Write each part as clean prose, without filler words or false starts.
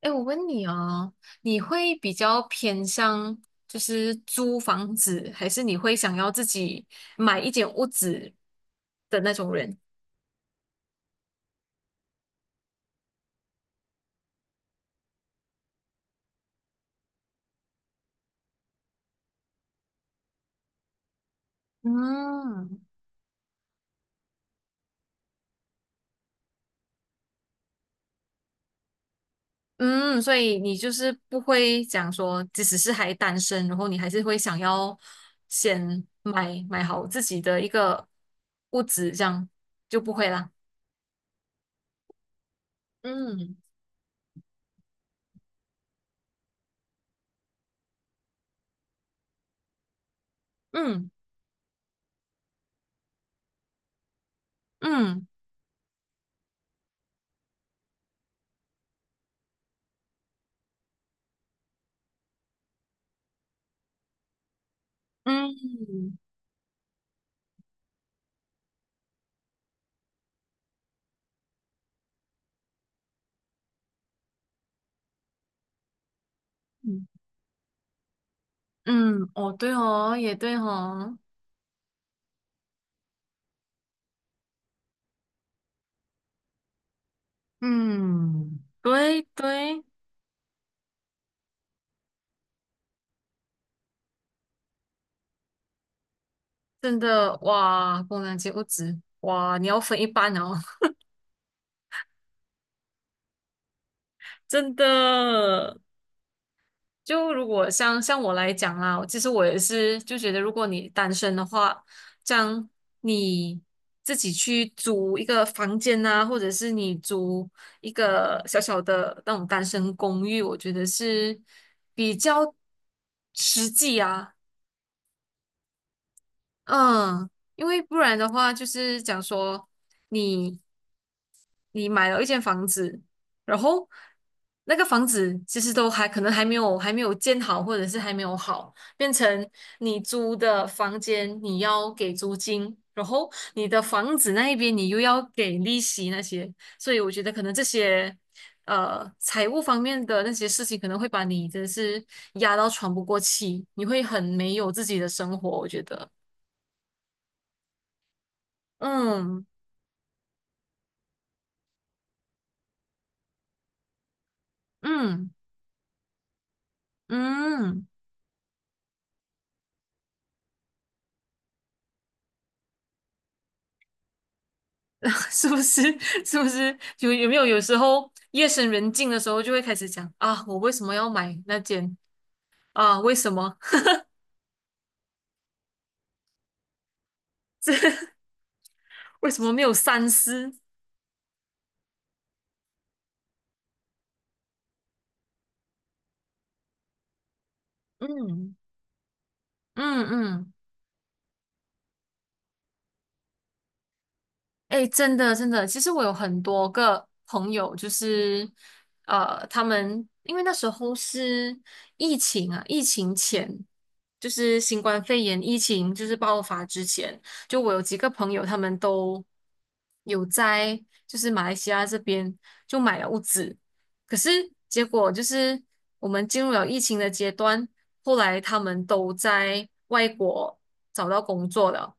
哎，我问你哦，你会比较偏向就是租房子，还是你会想要自己买一间屋子的那种人？嗯嗯，所以你就是不会讲说，即使是还单身，然后你还是会想要先买好自己的一个屋子，这样就不会啦。嗯嗯嗯嗯嗯嗯，哦，对哦，也对哦。嗯，对对，真的哇，工人阶不止哇，你要分一半哦。真的。就如果像我来讲啦，其实我也是就觉得，如果你单身的话，这样你自己去租一个房间啊，或者是你租一个小小的那种单身公寓，我觉得是比较实际啊。嗯。因为不然的话，就是讲说你你买了一间房子，然后那个房子其实都还可能还没有建好，或者是还没有好，变成你租的房间你要给租金，然后你的房子那一边你又要给利息那些，所以我觉得可能这些财务方面的那些事情可能会把你真的是压到喘不过气，你会很没有自己的生活，我觉得。嗯嗯嗯。是不是？是不是？有有没有有时候夜深人静的时候，就会开始讲啊，我为什么要买那件啊？为什么 为什么没有三思？嗯嗯嗯。哎，诶真的真的，其实我有很多个朋友，就是他们因为那时候是疫情啊，疫情前就是新冠肺炎疫情就是爆发之前，就我有几个朋友，他们都有在就是马来西亚这边就买了物资。可是结果就是我们进入了疫情的阶段，后来他们都在外国找到工作了，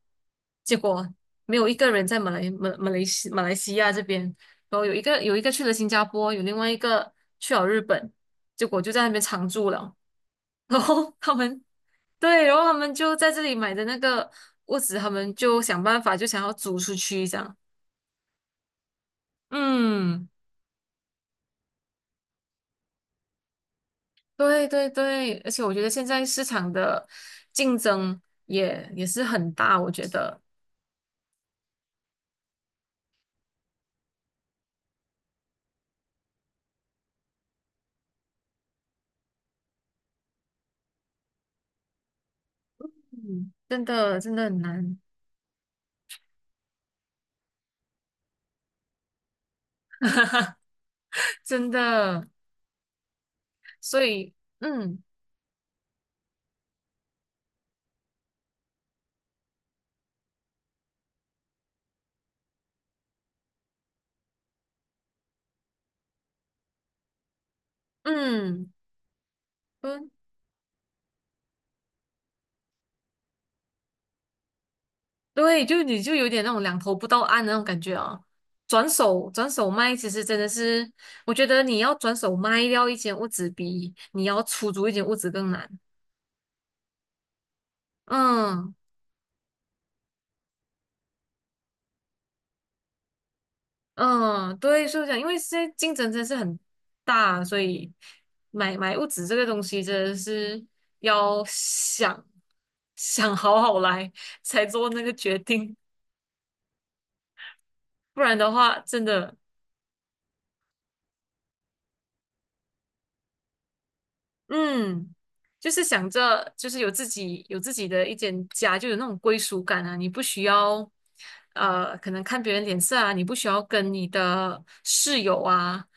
结果没有一个人在马来西亚这边，然后有一个去了新加坡，有另外一个去了日本，结果就在那边常住了。然后他们对，然后他们就在这里买的那个屋子，他们就想办法就想要租出去这样。嗯。对对对，而且我觉得现在市场的竞争也是很大，我觉得。嗯，真的真的很难。真的，所以。嗯嗯嗯，对，就你就有点那种两头不到岸的那种感觉啊。转手卖，其实真的是，我觉得你要转手卖掉一间屋子比你要出租一间屋子更难。嗯。嗯，对，是这样，因为现在竞争真的是很大，所以买物质这个东西真的是要想好好来才做那个决定，不然的话，真的。嗯，就是想着就是有自己的一间家，就有那种归属感啊，你不需要可能看别人脸色啊，你不需要跟你的室友啊，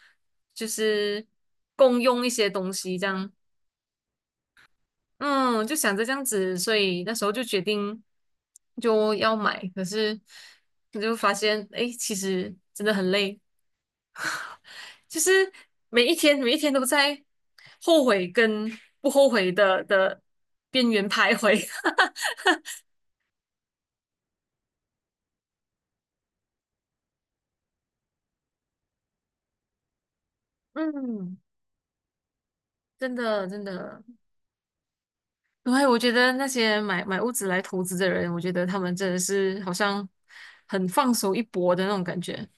就是共用一些东西这样。嗯，就想着这样子，所以那时候就决定就要买，可是我就发现，哎，其实真的很累，就是每一天每一天都在后悔跟不后悔的边缘徘徊。嗯，真的真的，对，我觉得那些买屋子来投资的人，我觉得他们真的是好像很放手一搏的那种感觉。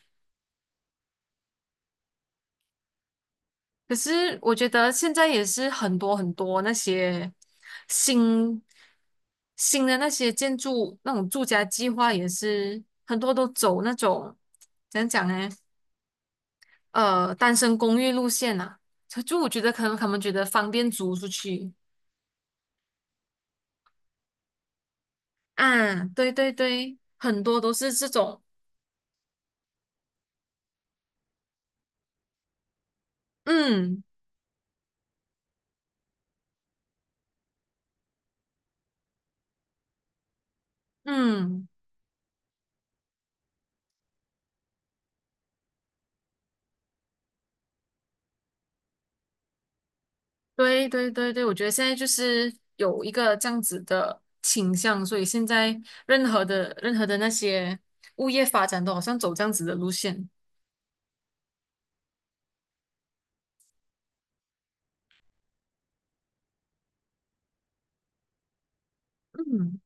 可是我觉得现在也是很多很多那些新新的那些建筑那种住家计划，也是很多都走那种怎样讲呢？单身公寓路线啊，就我觉得可能他们觉得方便租出去啊。对对对，很多都是这种。嗯嗯。对对对对，我觉得现在就是有一个这样子的倾向，所以现在任何的那些物业发展都好像走这样子的路线。嗯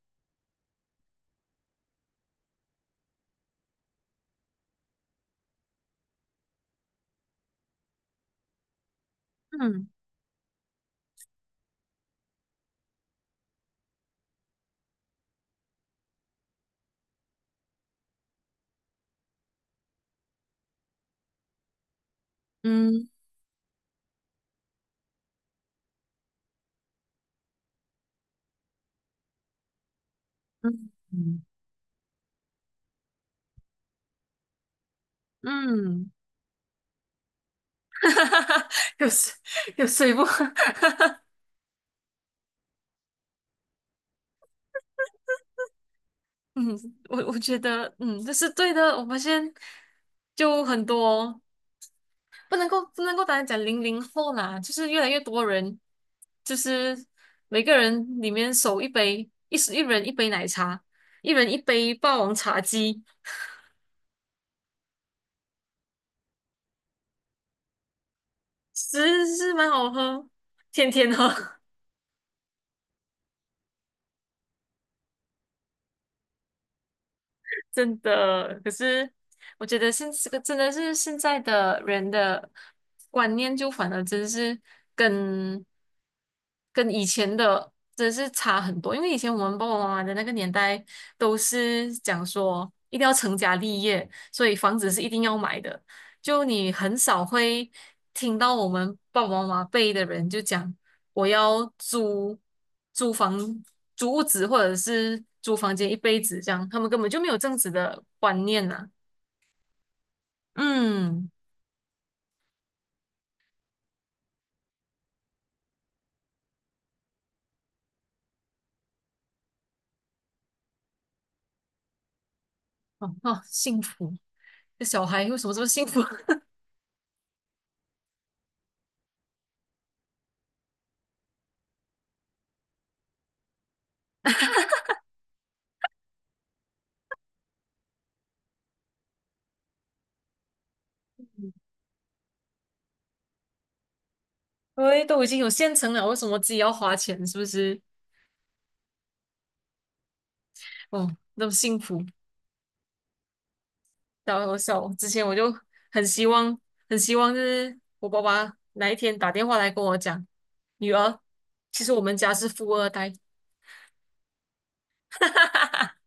嗯嗯嗯嗯嗯。哈哈哈 有水有水不？嗯，我觉得这是对的，我发现就很多。不能够单单讲00后啦，就是越来越多人，就是每个人里面手一杯，一人一杯奶茶，一人一杯霸王茶姬。是，蛮好喝，天天喝。真的，可是我觉得现这个真的是现在的人的观念，就反而真是跟跟以前的真是差很多。因为以前我们爸爸妈妈的那个年代，都是讲说一定要成家立业，所以房子是一定要买的。就你很少会听到我们爸爸妈妈辈的人就讲我要租房、租屋子或者是租房间一辈子这样，他们根本就没有这样子的观念呐、嗯。哦哦，幸福，这小孩为什么这么幸福？喂，都已经有现成了，为什么自己要花钱？是不是？哦，那么幸福。我笑。之前我就很希望，很希望就是我爸爸哪一天打电话来跟我讲，女儿，其实我们家是富二代。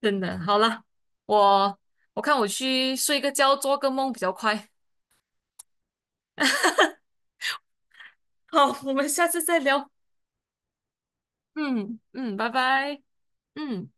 真的。好了，我我看我去睡个觉，做个梦比较快。好，我们下次再聊。嗯嗯，拜拜。嗯。